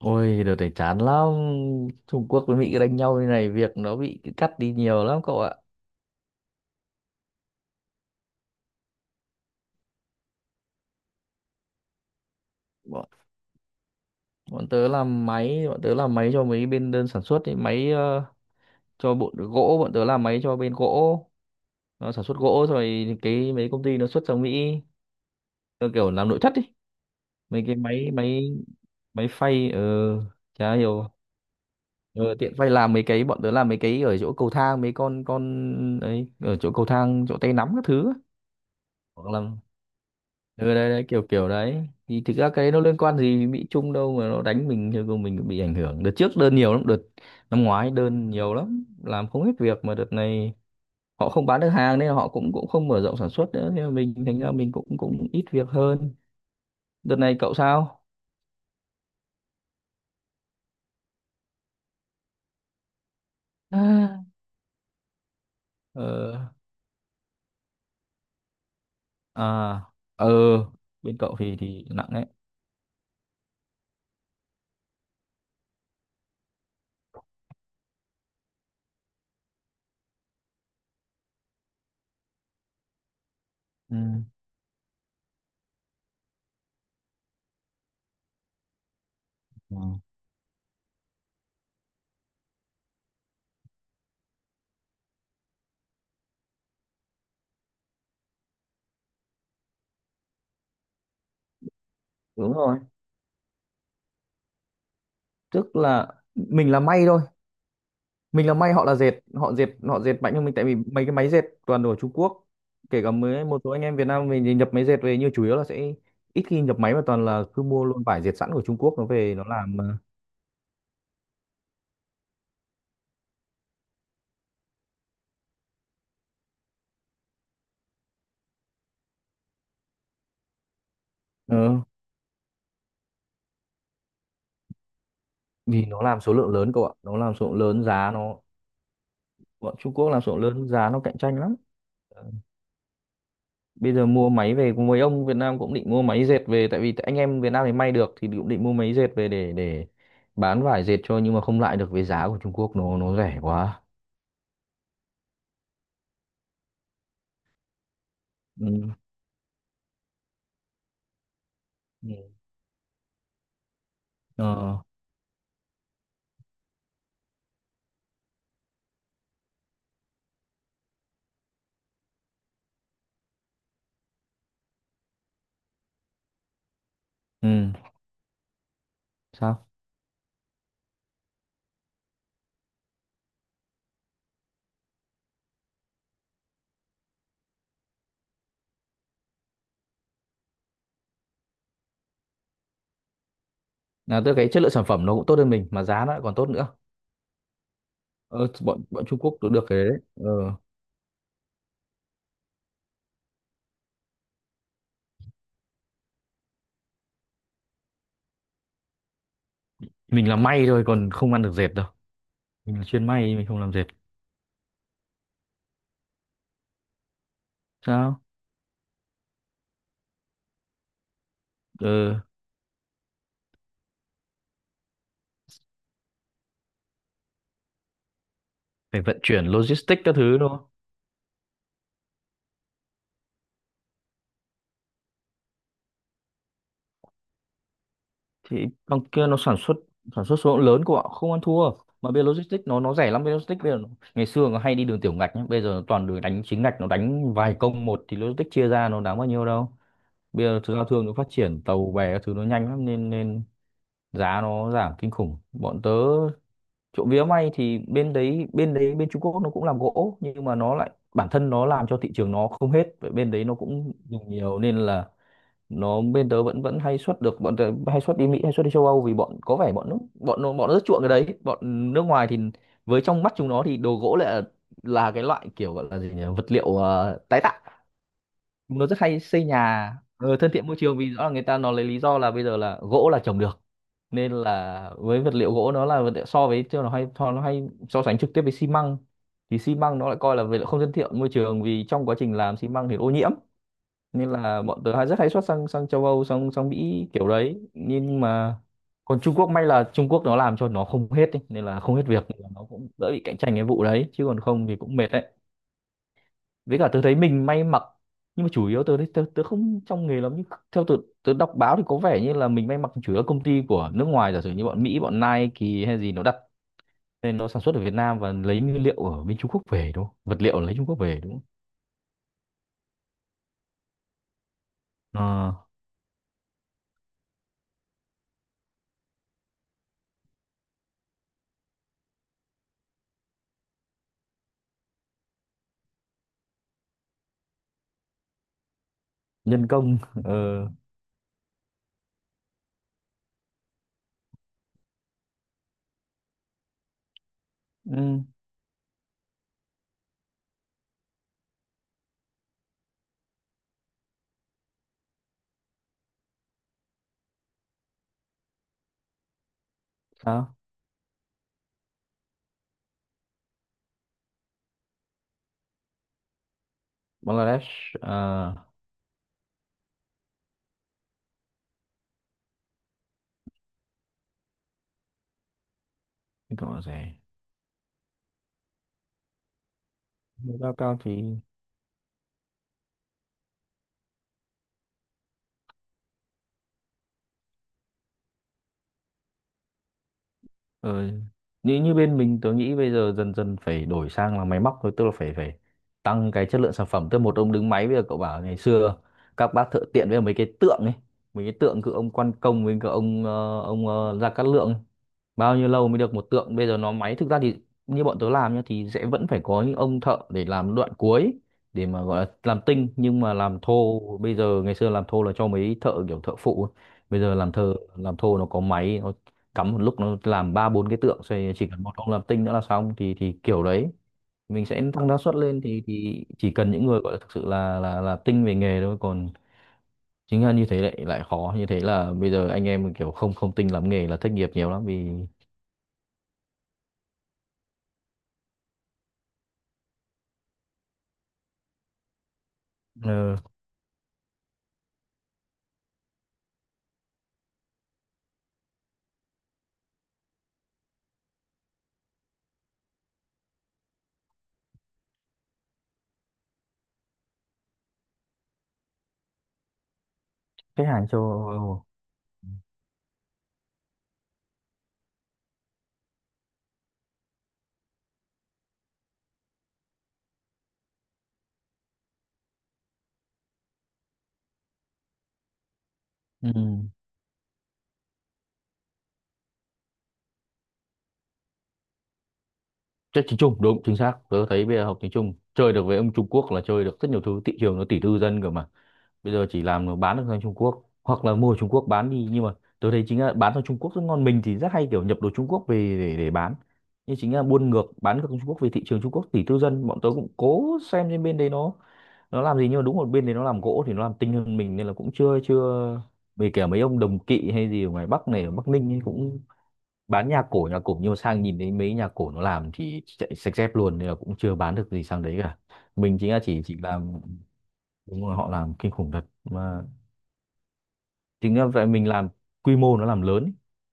Ôi, đợt này chán lắm. Trung Quốc với Mỹ đánh nhau như này, việc nó bị cắt đi nhiều lắm cậu ạ. Bọn, bọn tớ làm máy, bọn tớ làm máy cho mấy bên đơn sản xuất, ấy, máy cho bộ gỗ, bọn tớ làm máy cho bên gỗ. Nó sản xuất gỗ rồi cái mấy công ty nó xuất sang Mỹ, nó kiểu làm nội thất đi. Mấy cái máy máy máy phay chả hiểu. Ờ, tiện phay làm mấy cái bọn tớ làm mấy cái ở chỗ cầu thang mấy con ấy, ở chỗ cầu thang chỗ tay nắm các thứ ấy. Hoặc là ừ đấy, đấy kiểu kiểu đấy thì thực ra cái đấy nó liên quan gì đến Mỹ Trung đâu, mà nó đánh mình thì của mình bị ảnh hưởng. Đợt trước đơn nhiều lắm, đợt năm ngoái đơn nhiều lắm, làm không hết việc, mà đợt này họ không bán được hàng nên họ cũng cũng không mở rộng sản xuất nữa nên là mình thành ra mình cũng cũng ít việc hơn. Đợt này cậu sao? À. ờ À. ờ Bên cậu thì nặng đấy. Ừ. Ừ. Đúng rồi, tức là mình là may thôi, mình là may, họ là dệt, họ dệt mạnh hơn mình tại vì mấy cái máy dệt toàn đồ ở Trung Quốc. Kể cả mấy một số anh em Việt Nam mình thì nhập máy dệt về nhưng chủ yếu là sẽ ít khi nhập máy mà toàn là cứ mua luôn vải dệt sẵn của Trung Quốc nó về nó làm mà. Ừ. Vì nó làm số lượng lớn cậu ạ, nó làm số lượng lớn giá nó, bọn Trung Quốc làm số lượng lớn giá nó cạnh tranh lắm. Bây giờ mua máy về, mấy ông Việt Nam cũng định mua máy dệt về tại vì anh em Việt Nam thì may được thì cũng định mua máy dệt về để bán vải dệt cho, nhưng mà không lại được với giá của Trung Quốc, nó rẻ quá. Ừ. Ừ. Ờ. Ừ, sao? Là tức cái chất lượng sản phẩm nó cũng tốt hơn mình mà giá nó lại còn tốt nữa. Ờ, bọn bọn Trung Quốc được được cái đấy. Ờ. Mình làm may thôi còn không ăn được dệt đâu. Mình là chuyên may, mình không làm dệt. Sao? Ờ, phải vận chuyển logistics các thứ đúng không? Thì bằng kia nó sản xuất số lượng lớn của họ không ăn thua. Mà bây giờ logistics nó rẻ lắm, bây giờ logistics bây giờ nó, ngày xưa nó hay đi đường tiểu ngạch nhá, bây giờ nó toàn đường đánh chính ngạch, nó đánh vài công một thì logistics chia ra nó đáng bao nhiêu đâu. Bây giờ thứ giao thương nó phát triển, tàu bè các thứ nó nhanh lắm nên nên giá nó giảm kinh khủng. Bọn tớ trộm vía may thì bên đấy bên Trung Quốc nó cũng làm gỗ nhưng mà nó lại bản thân nó làm cho thị trường nó không hết, vậy bên đấy nó cũng dùng nhiều nên là nó, bên tớ vẫn vẫn hay xuất được. Bọn tớ hay xuất đi Mỹ, hay xuất đi châu Âu vì bọn, có vẻ bọn nước, bọn nó rất chuộng cái đấy. Bọn nước ngoài thì với trong mắt chúng nó thì đồ gỗ lại là cái loại kiểu gọi là gì nhỉ, vật liệu tái tạo. Nó rất hay xây nhà, thân thiện môi trường vì rõ là người ta nó lấy lý do là bây giờ là gỗ là trồng được, nên là với vật liệu gỗ, nó là vật liệu so với, chứ nó hay so sánh trực tiếp với xi măng. Thì xi măng nó lại coi là vật liệu không thân thiện môi trường vì trong quá trình làm xi măng thì ô nhiễm. Nên là bọn tớ hay rất hay xuất sang sang châu Âu sang sang Mỹ kiểu đấy, nhưng mà còn Trung Quốc, may là Trung Quốc nó làm cho nó không hết ý, nên là không hết việc nên là nó cũng đỡ bị cạnh tranh cái vụ đấy, chứ còn không thì cũng mệt đấy. Với cả tớ thấy mình may mặc, nhưng mà chủ yếu tớ thấy tớ không trong nghề lắm, nhưng theo tớ, tớ đọc báo thì có vẻ như là mình may mặc chủ yếu là công ty của nước ngoài, giả sử như bọn Mỹ, bọn Nike hay gì nó đặt nên nó sản xuất ở Việt Nam và lấy nguyên liệu ở bên Trung Quốc về đúng không, vật liệu lấy Trung Quốc về đúng không? Ờ, nhân công. ờ ừ, sao? Bangladesh. ờ, cái cậu là gì? Nâng cao cao thì. Ờ, như như bên mình tớ nghĩ bây giờ dần dần phải đổi sang là máy móc thôi, tức là phải phải tăng cái chất lượng sản phẩm, tức là một ông đứng máy. Bây giờ cậu bảo ngày xưa các bác thợ tiện với mấy cái tượng ấy, mấy cái tượng cứ ông Quan Công với cả ông Gia Cát Lượng ấy. Bao nhiêu lâu mới được một tượng, bây giờ nó máy thực ra thì như bọn tớ làm nhá thì sẽ vẫn phải có những ông thợ để làm đoạn cuối, để mà gọi là làm tinh. Nhưng mà làm thô bây giờ, ngày xưa làm thô là cho mấy thợ kiểu thợ phụ ấy. Bây giờ làm thợ làm thô nó có máy, nó cắm một lúc nó làm ba bốn cái tượng xoay, chỉ cần một ông làm tinh nữa là xong, thì kiểu đấy. Mình sẽ tăng năng suất lên thì chỉ cần những người gọi là thực sự là tinh về nghề thôi, còn chính là như thế lại lại khó, như thế là bây giờ anh em kiểu không không tinh lắm nghề là thất nghiệp nhiều lắm vì ờ, khách hàng cho. Ừ. Chơi tiếng Trung đúng chính xác, tớ thấy bây giờ học tiếng Trung chơi được với ông Trung Quốc là chơi được rất nhiều thứ, thị trường nó 1,4 tỷ dân cơ mà. Bây giờ chỉ làm nó bán được sang Trung Quốc hoặc là mua ở Trung Quốc bán đi, nhưng mà tớ thấy chính là bán sang Trung Quốc rất ngon, mình thì rất hay kiểu nhập đồ Trung Quốc về để bán, nhưng chính là buôn ngược bán ngược sang Trung Quốc. Về thị trường Trung Quốc 1,4 tỷ dân, bọn tớ cũng cố xem trên bên đấy nó làm gì, nhưng mà đúng một bên đấy nó làm gỗ thì nó làm tinh hơn mình nên là cũng chưa chưa về. Kể mấy ông đồng kỵ hay gì ở ngoài Bắc này, ở Bắc Ninh ấy, cũng bán nhà cổ, nhà cổ nhưng sang nhìn thấy mấy nhà cổ nó làm thì chạy sạch dép luôn, nên là cũng chưa bán được gì sang đấy cả. Mình chính là chỉ làm. Đúng rồi, họ làm kinh khủng thật mà. Chính là vậy, mình làm quy mô, nó làm lớn ý,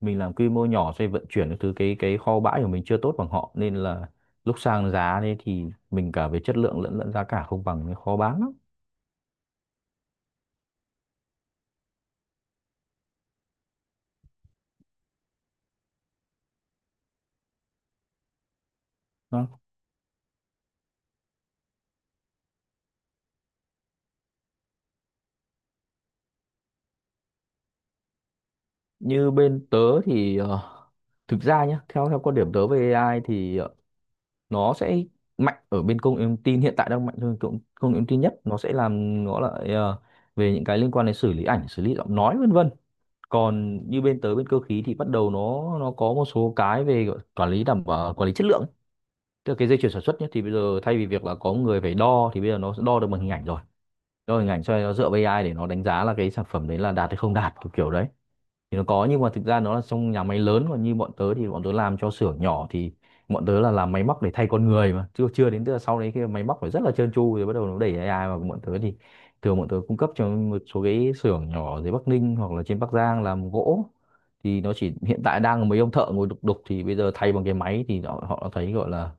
mình làm quy mô nhỏ, xoay vận chuyển các thứ, cái kho bãi của mình chưa tốt bằng họ nên là lúc sang giá đấy thì mình cả về chất lượng lẫn lẫn giá cả không bằng nên khó bán lắm. Đó. Như bên tớ thì thực ra nhá, theo theo quan điểm tớ về AI thì nó sẽ mạnh ở bên công nghệ thông tin, hiện tại đang mạnh hơn công nghệ thông tin nhất. Nó sẽ làm nó lại về những cái liên quan đến xử lý ảnh, xử lý giọng nói vân vân. Còn như bên tới bên cơ khí thì bắt đầu nó có một số cái về quản lý, đảm bảo quản lý chất lượng, tức là cái dây chuyền sản xuất nhé thì bây giờ thay vì việc là có người phải đo thì bây giờ nó sẽ đo được bằng hình ảnh, rồi đo hình ảnh cho nó, dựa vào AI để nó đánh giá là cái sản phẩm đấy là đạt hay không đạt kiểu kiểu đấy. Thì nó có nhưng mà thực ra nó là trong nhà máy lớn, còn như bọn tớ thì bọn tớ làm cho xưởng nhỏ, thì bọn tớ là làm máy móc để thay con người mà chưa chưa đến, tức là sau đấy khi mà máy móc phải rất là trơn tru rồi bắt đầu nó đẩy AI vào. Bọn tớ thì thường bọn tớ cung cấp cho một số cái xưởng nhỏ ở dưới Bắc Ninh hoặc là trên Bắc Giang làm gỗ, thì nó chỉ hiện tại đang là mấy ông thợ ngồi đục đục, thì bây giờ thay bằng cái máy thì họ đã thấy gọi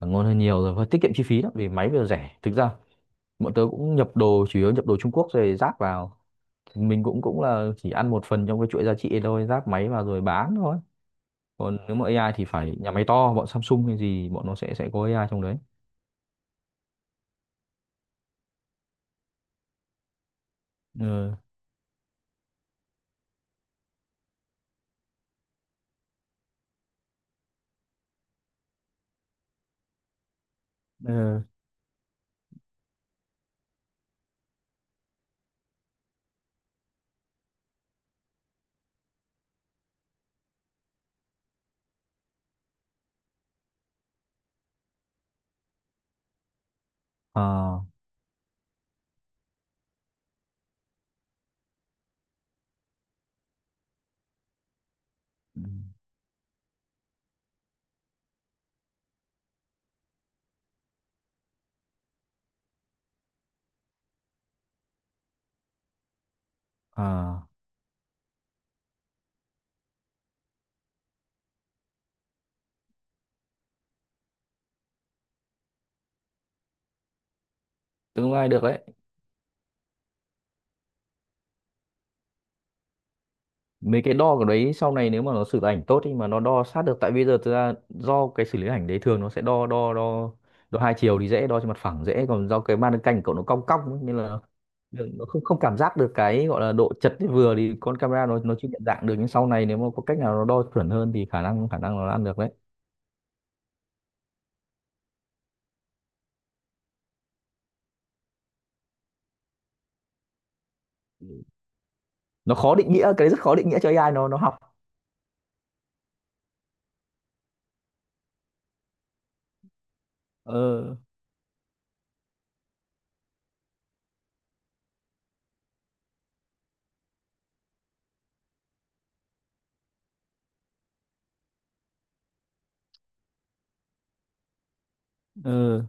là ngon hơn nhiều rồi và tiết kiệm chi phí lắm vì máy bây giờ rẻ thực ra. Bọn tớ cũng nhập đồ, chủ yếu nhập đồ Trung Quốc rồi ráp vào, thì mình cũng cũng là chỉ ăn một phần trong cái chuỗi giá trị ấy thôi, ráp máy vào rồi bán thôi. Còn nếu mà AI thì phải nhà máy to, bọn Samsung hay gì bọn nó sẽ có AI trong đấy. Ừ. Ừ. À, à, tương lai được đấy. Mấy cái đo của đấy sau này nếu mà nó xử lý ảnh tốt thì mà nó đo sát được, tại bây giờ thực ra do cái xử lý ảnh đấy thường nó sẽ đo đo đo đo hai chiều thì dễ, đo trên mặt phẳng dễ, còn do cái màn hình cảnh của cậu nó cong cong ấy, nên là được, nó không không cảm giác được cái gọi là độ chật thì vừa thì con camera nó chưa nhận dạng được. Nhưng sau này nếu mà có cách nào nó đo chuẩn hơn thì khả năng nó ăn được đấy. Nó khó định nghĩa, cái đấy rất khó định nghĩa cho AI nó học. ờ ờ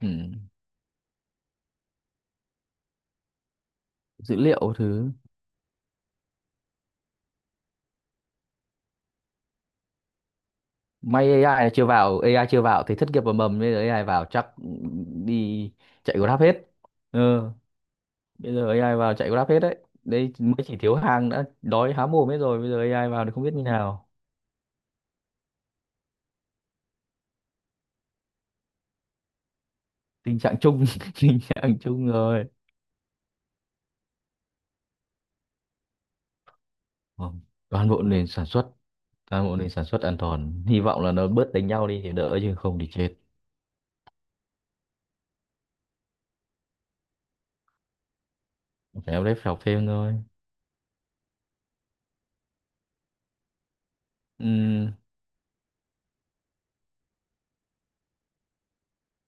ừ. Dữ liệu thứ may AI này chưa vào, AI chưa vào thì thất nghiệp và mầm, bây giờ AI vào chắc đi chạy Grab hết. ờ Bây giờ AI vào chạy Grab hết đấy, đây mới chỉ thiếu hàng đã đói há mồm hết rồi, bây giờ AI vào thì không biết như nào. Tình trạng chung tình trạng chung rồi. Vâng. Toàn bộ nền sản xuất, Toàn bộ nền sản xuất an toàn. Hy vọng là nó bớt đánh nhau đi thì đỡ chứ không thì chết. Phải em đấy, học thêm thôi. Ừm,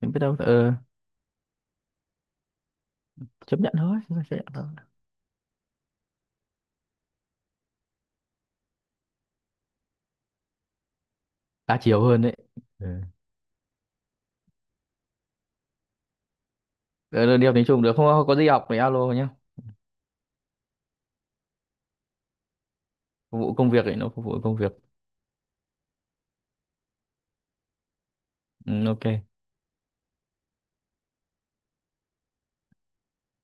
em biết đâu, chấp nhận thôi. Ta chấp nhận thôi. Đa chiều hơn đấy. Ừ. Ờ, đi học tiếng Trung được không? Có gì học thì alo nhé. Phục vụ công việc ấy, nó phục vụ công việc. Ừ, ok.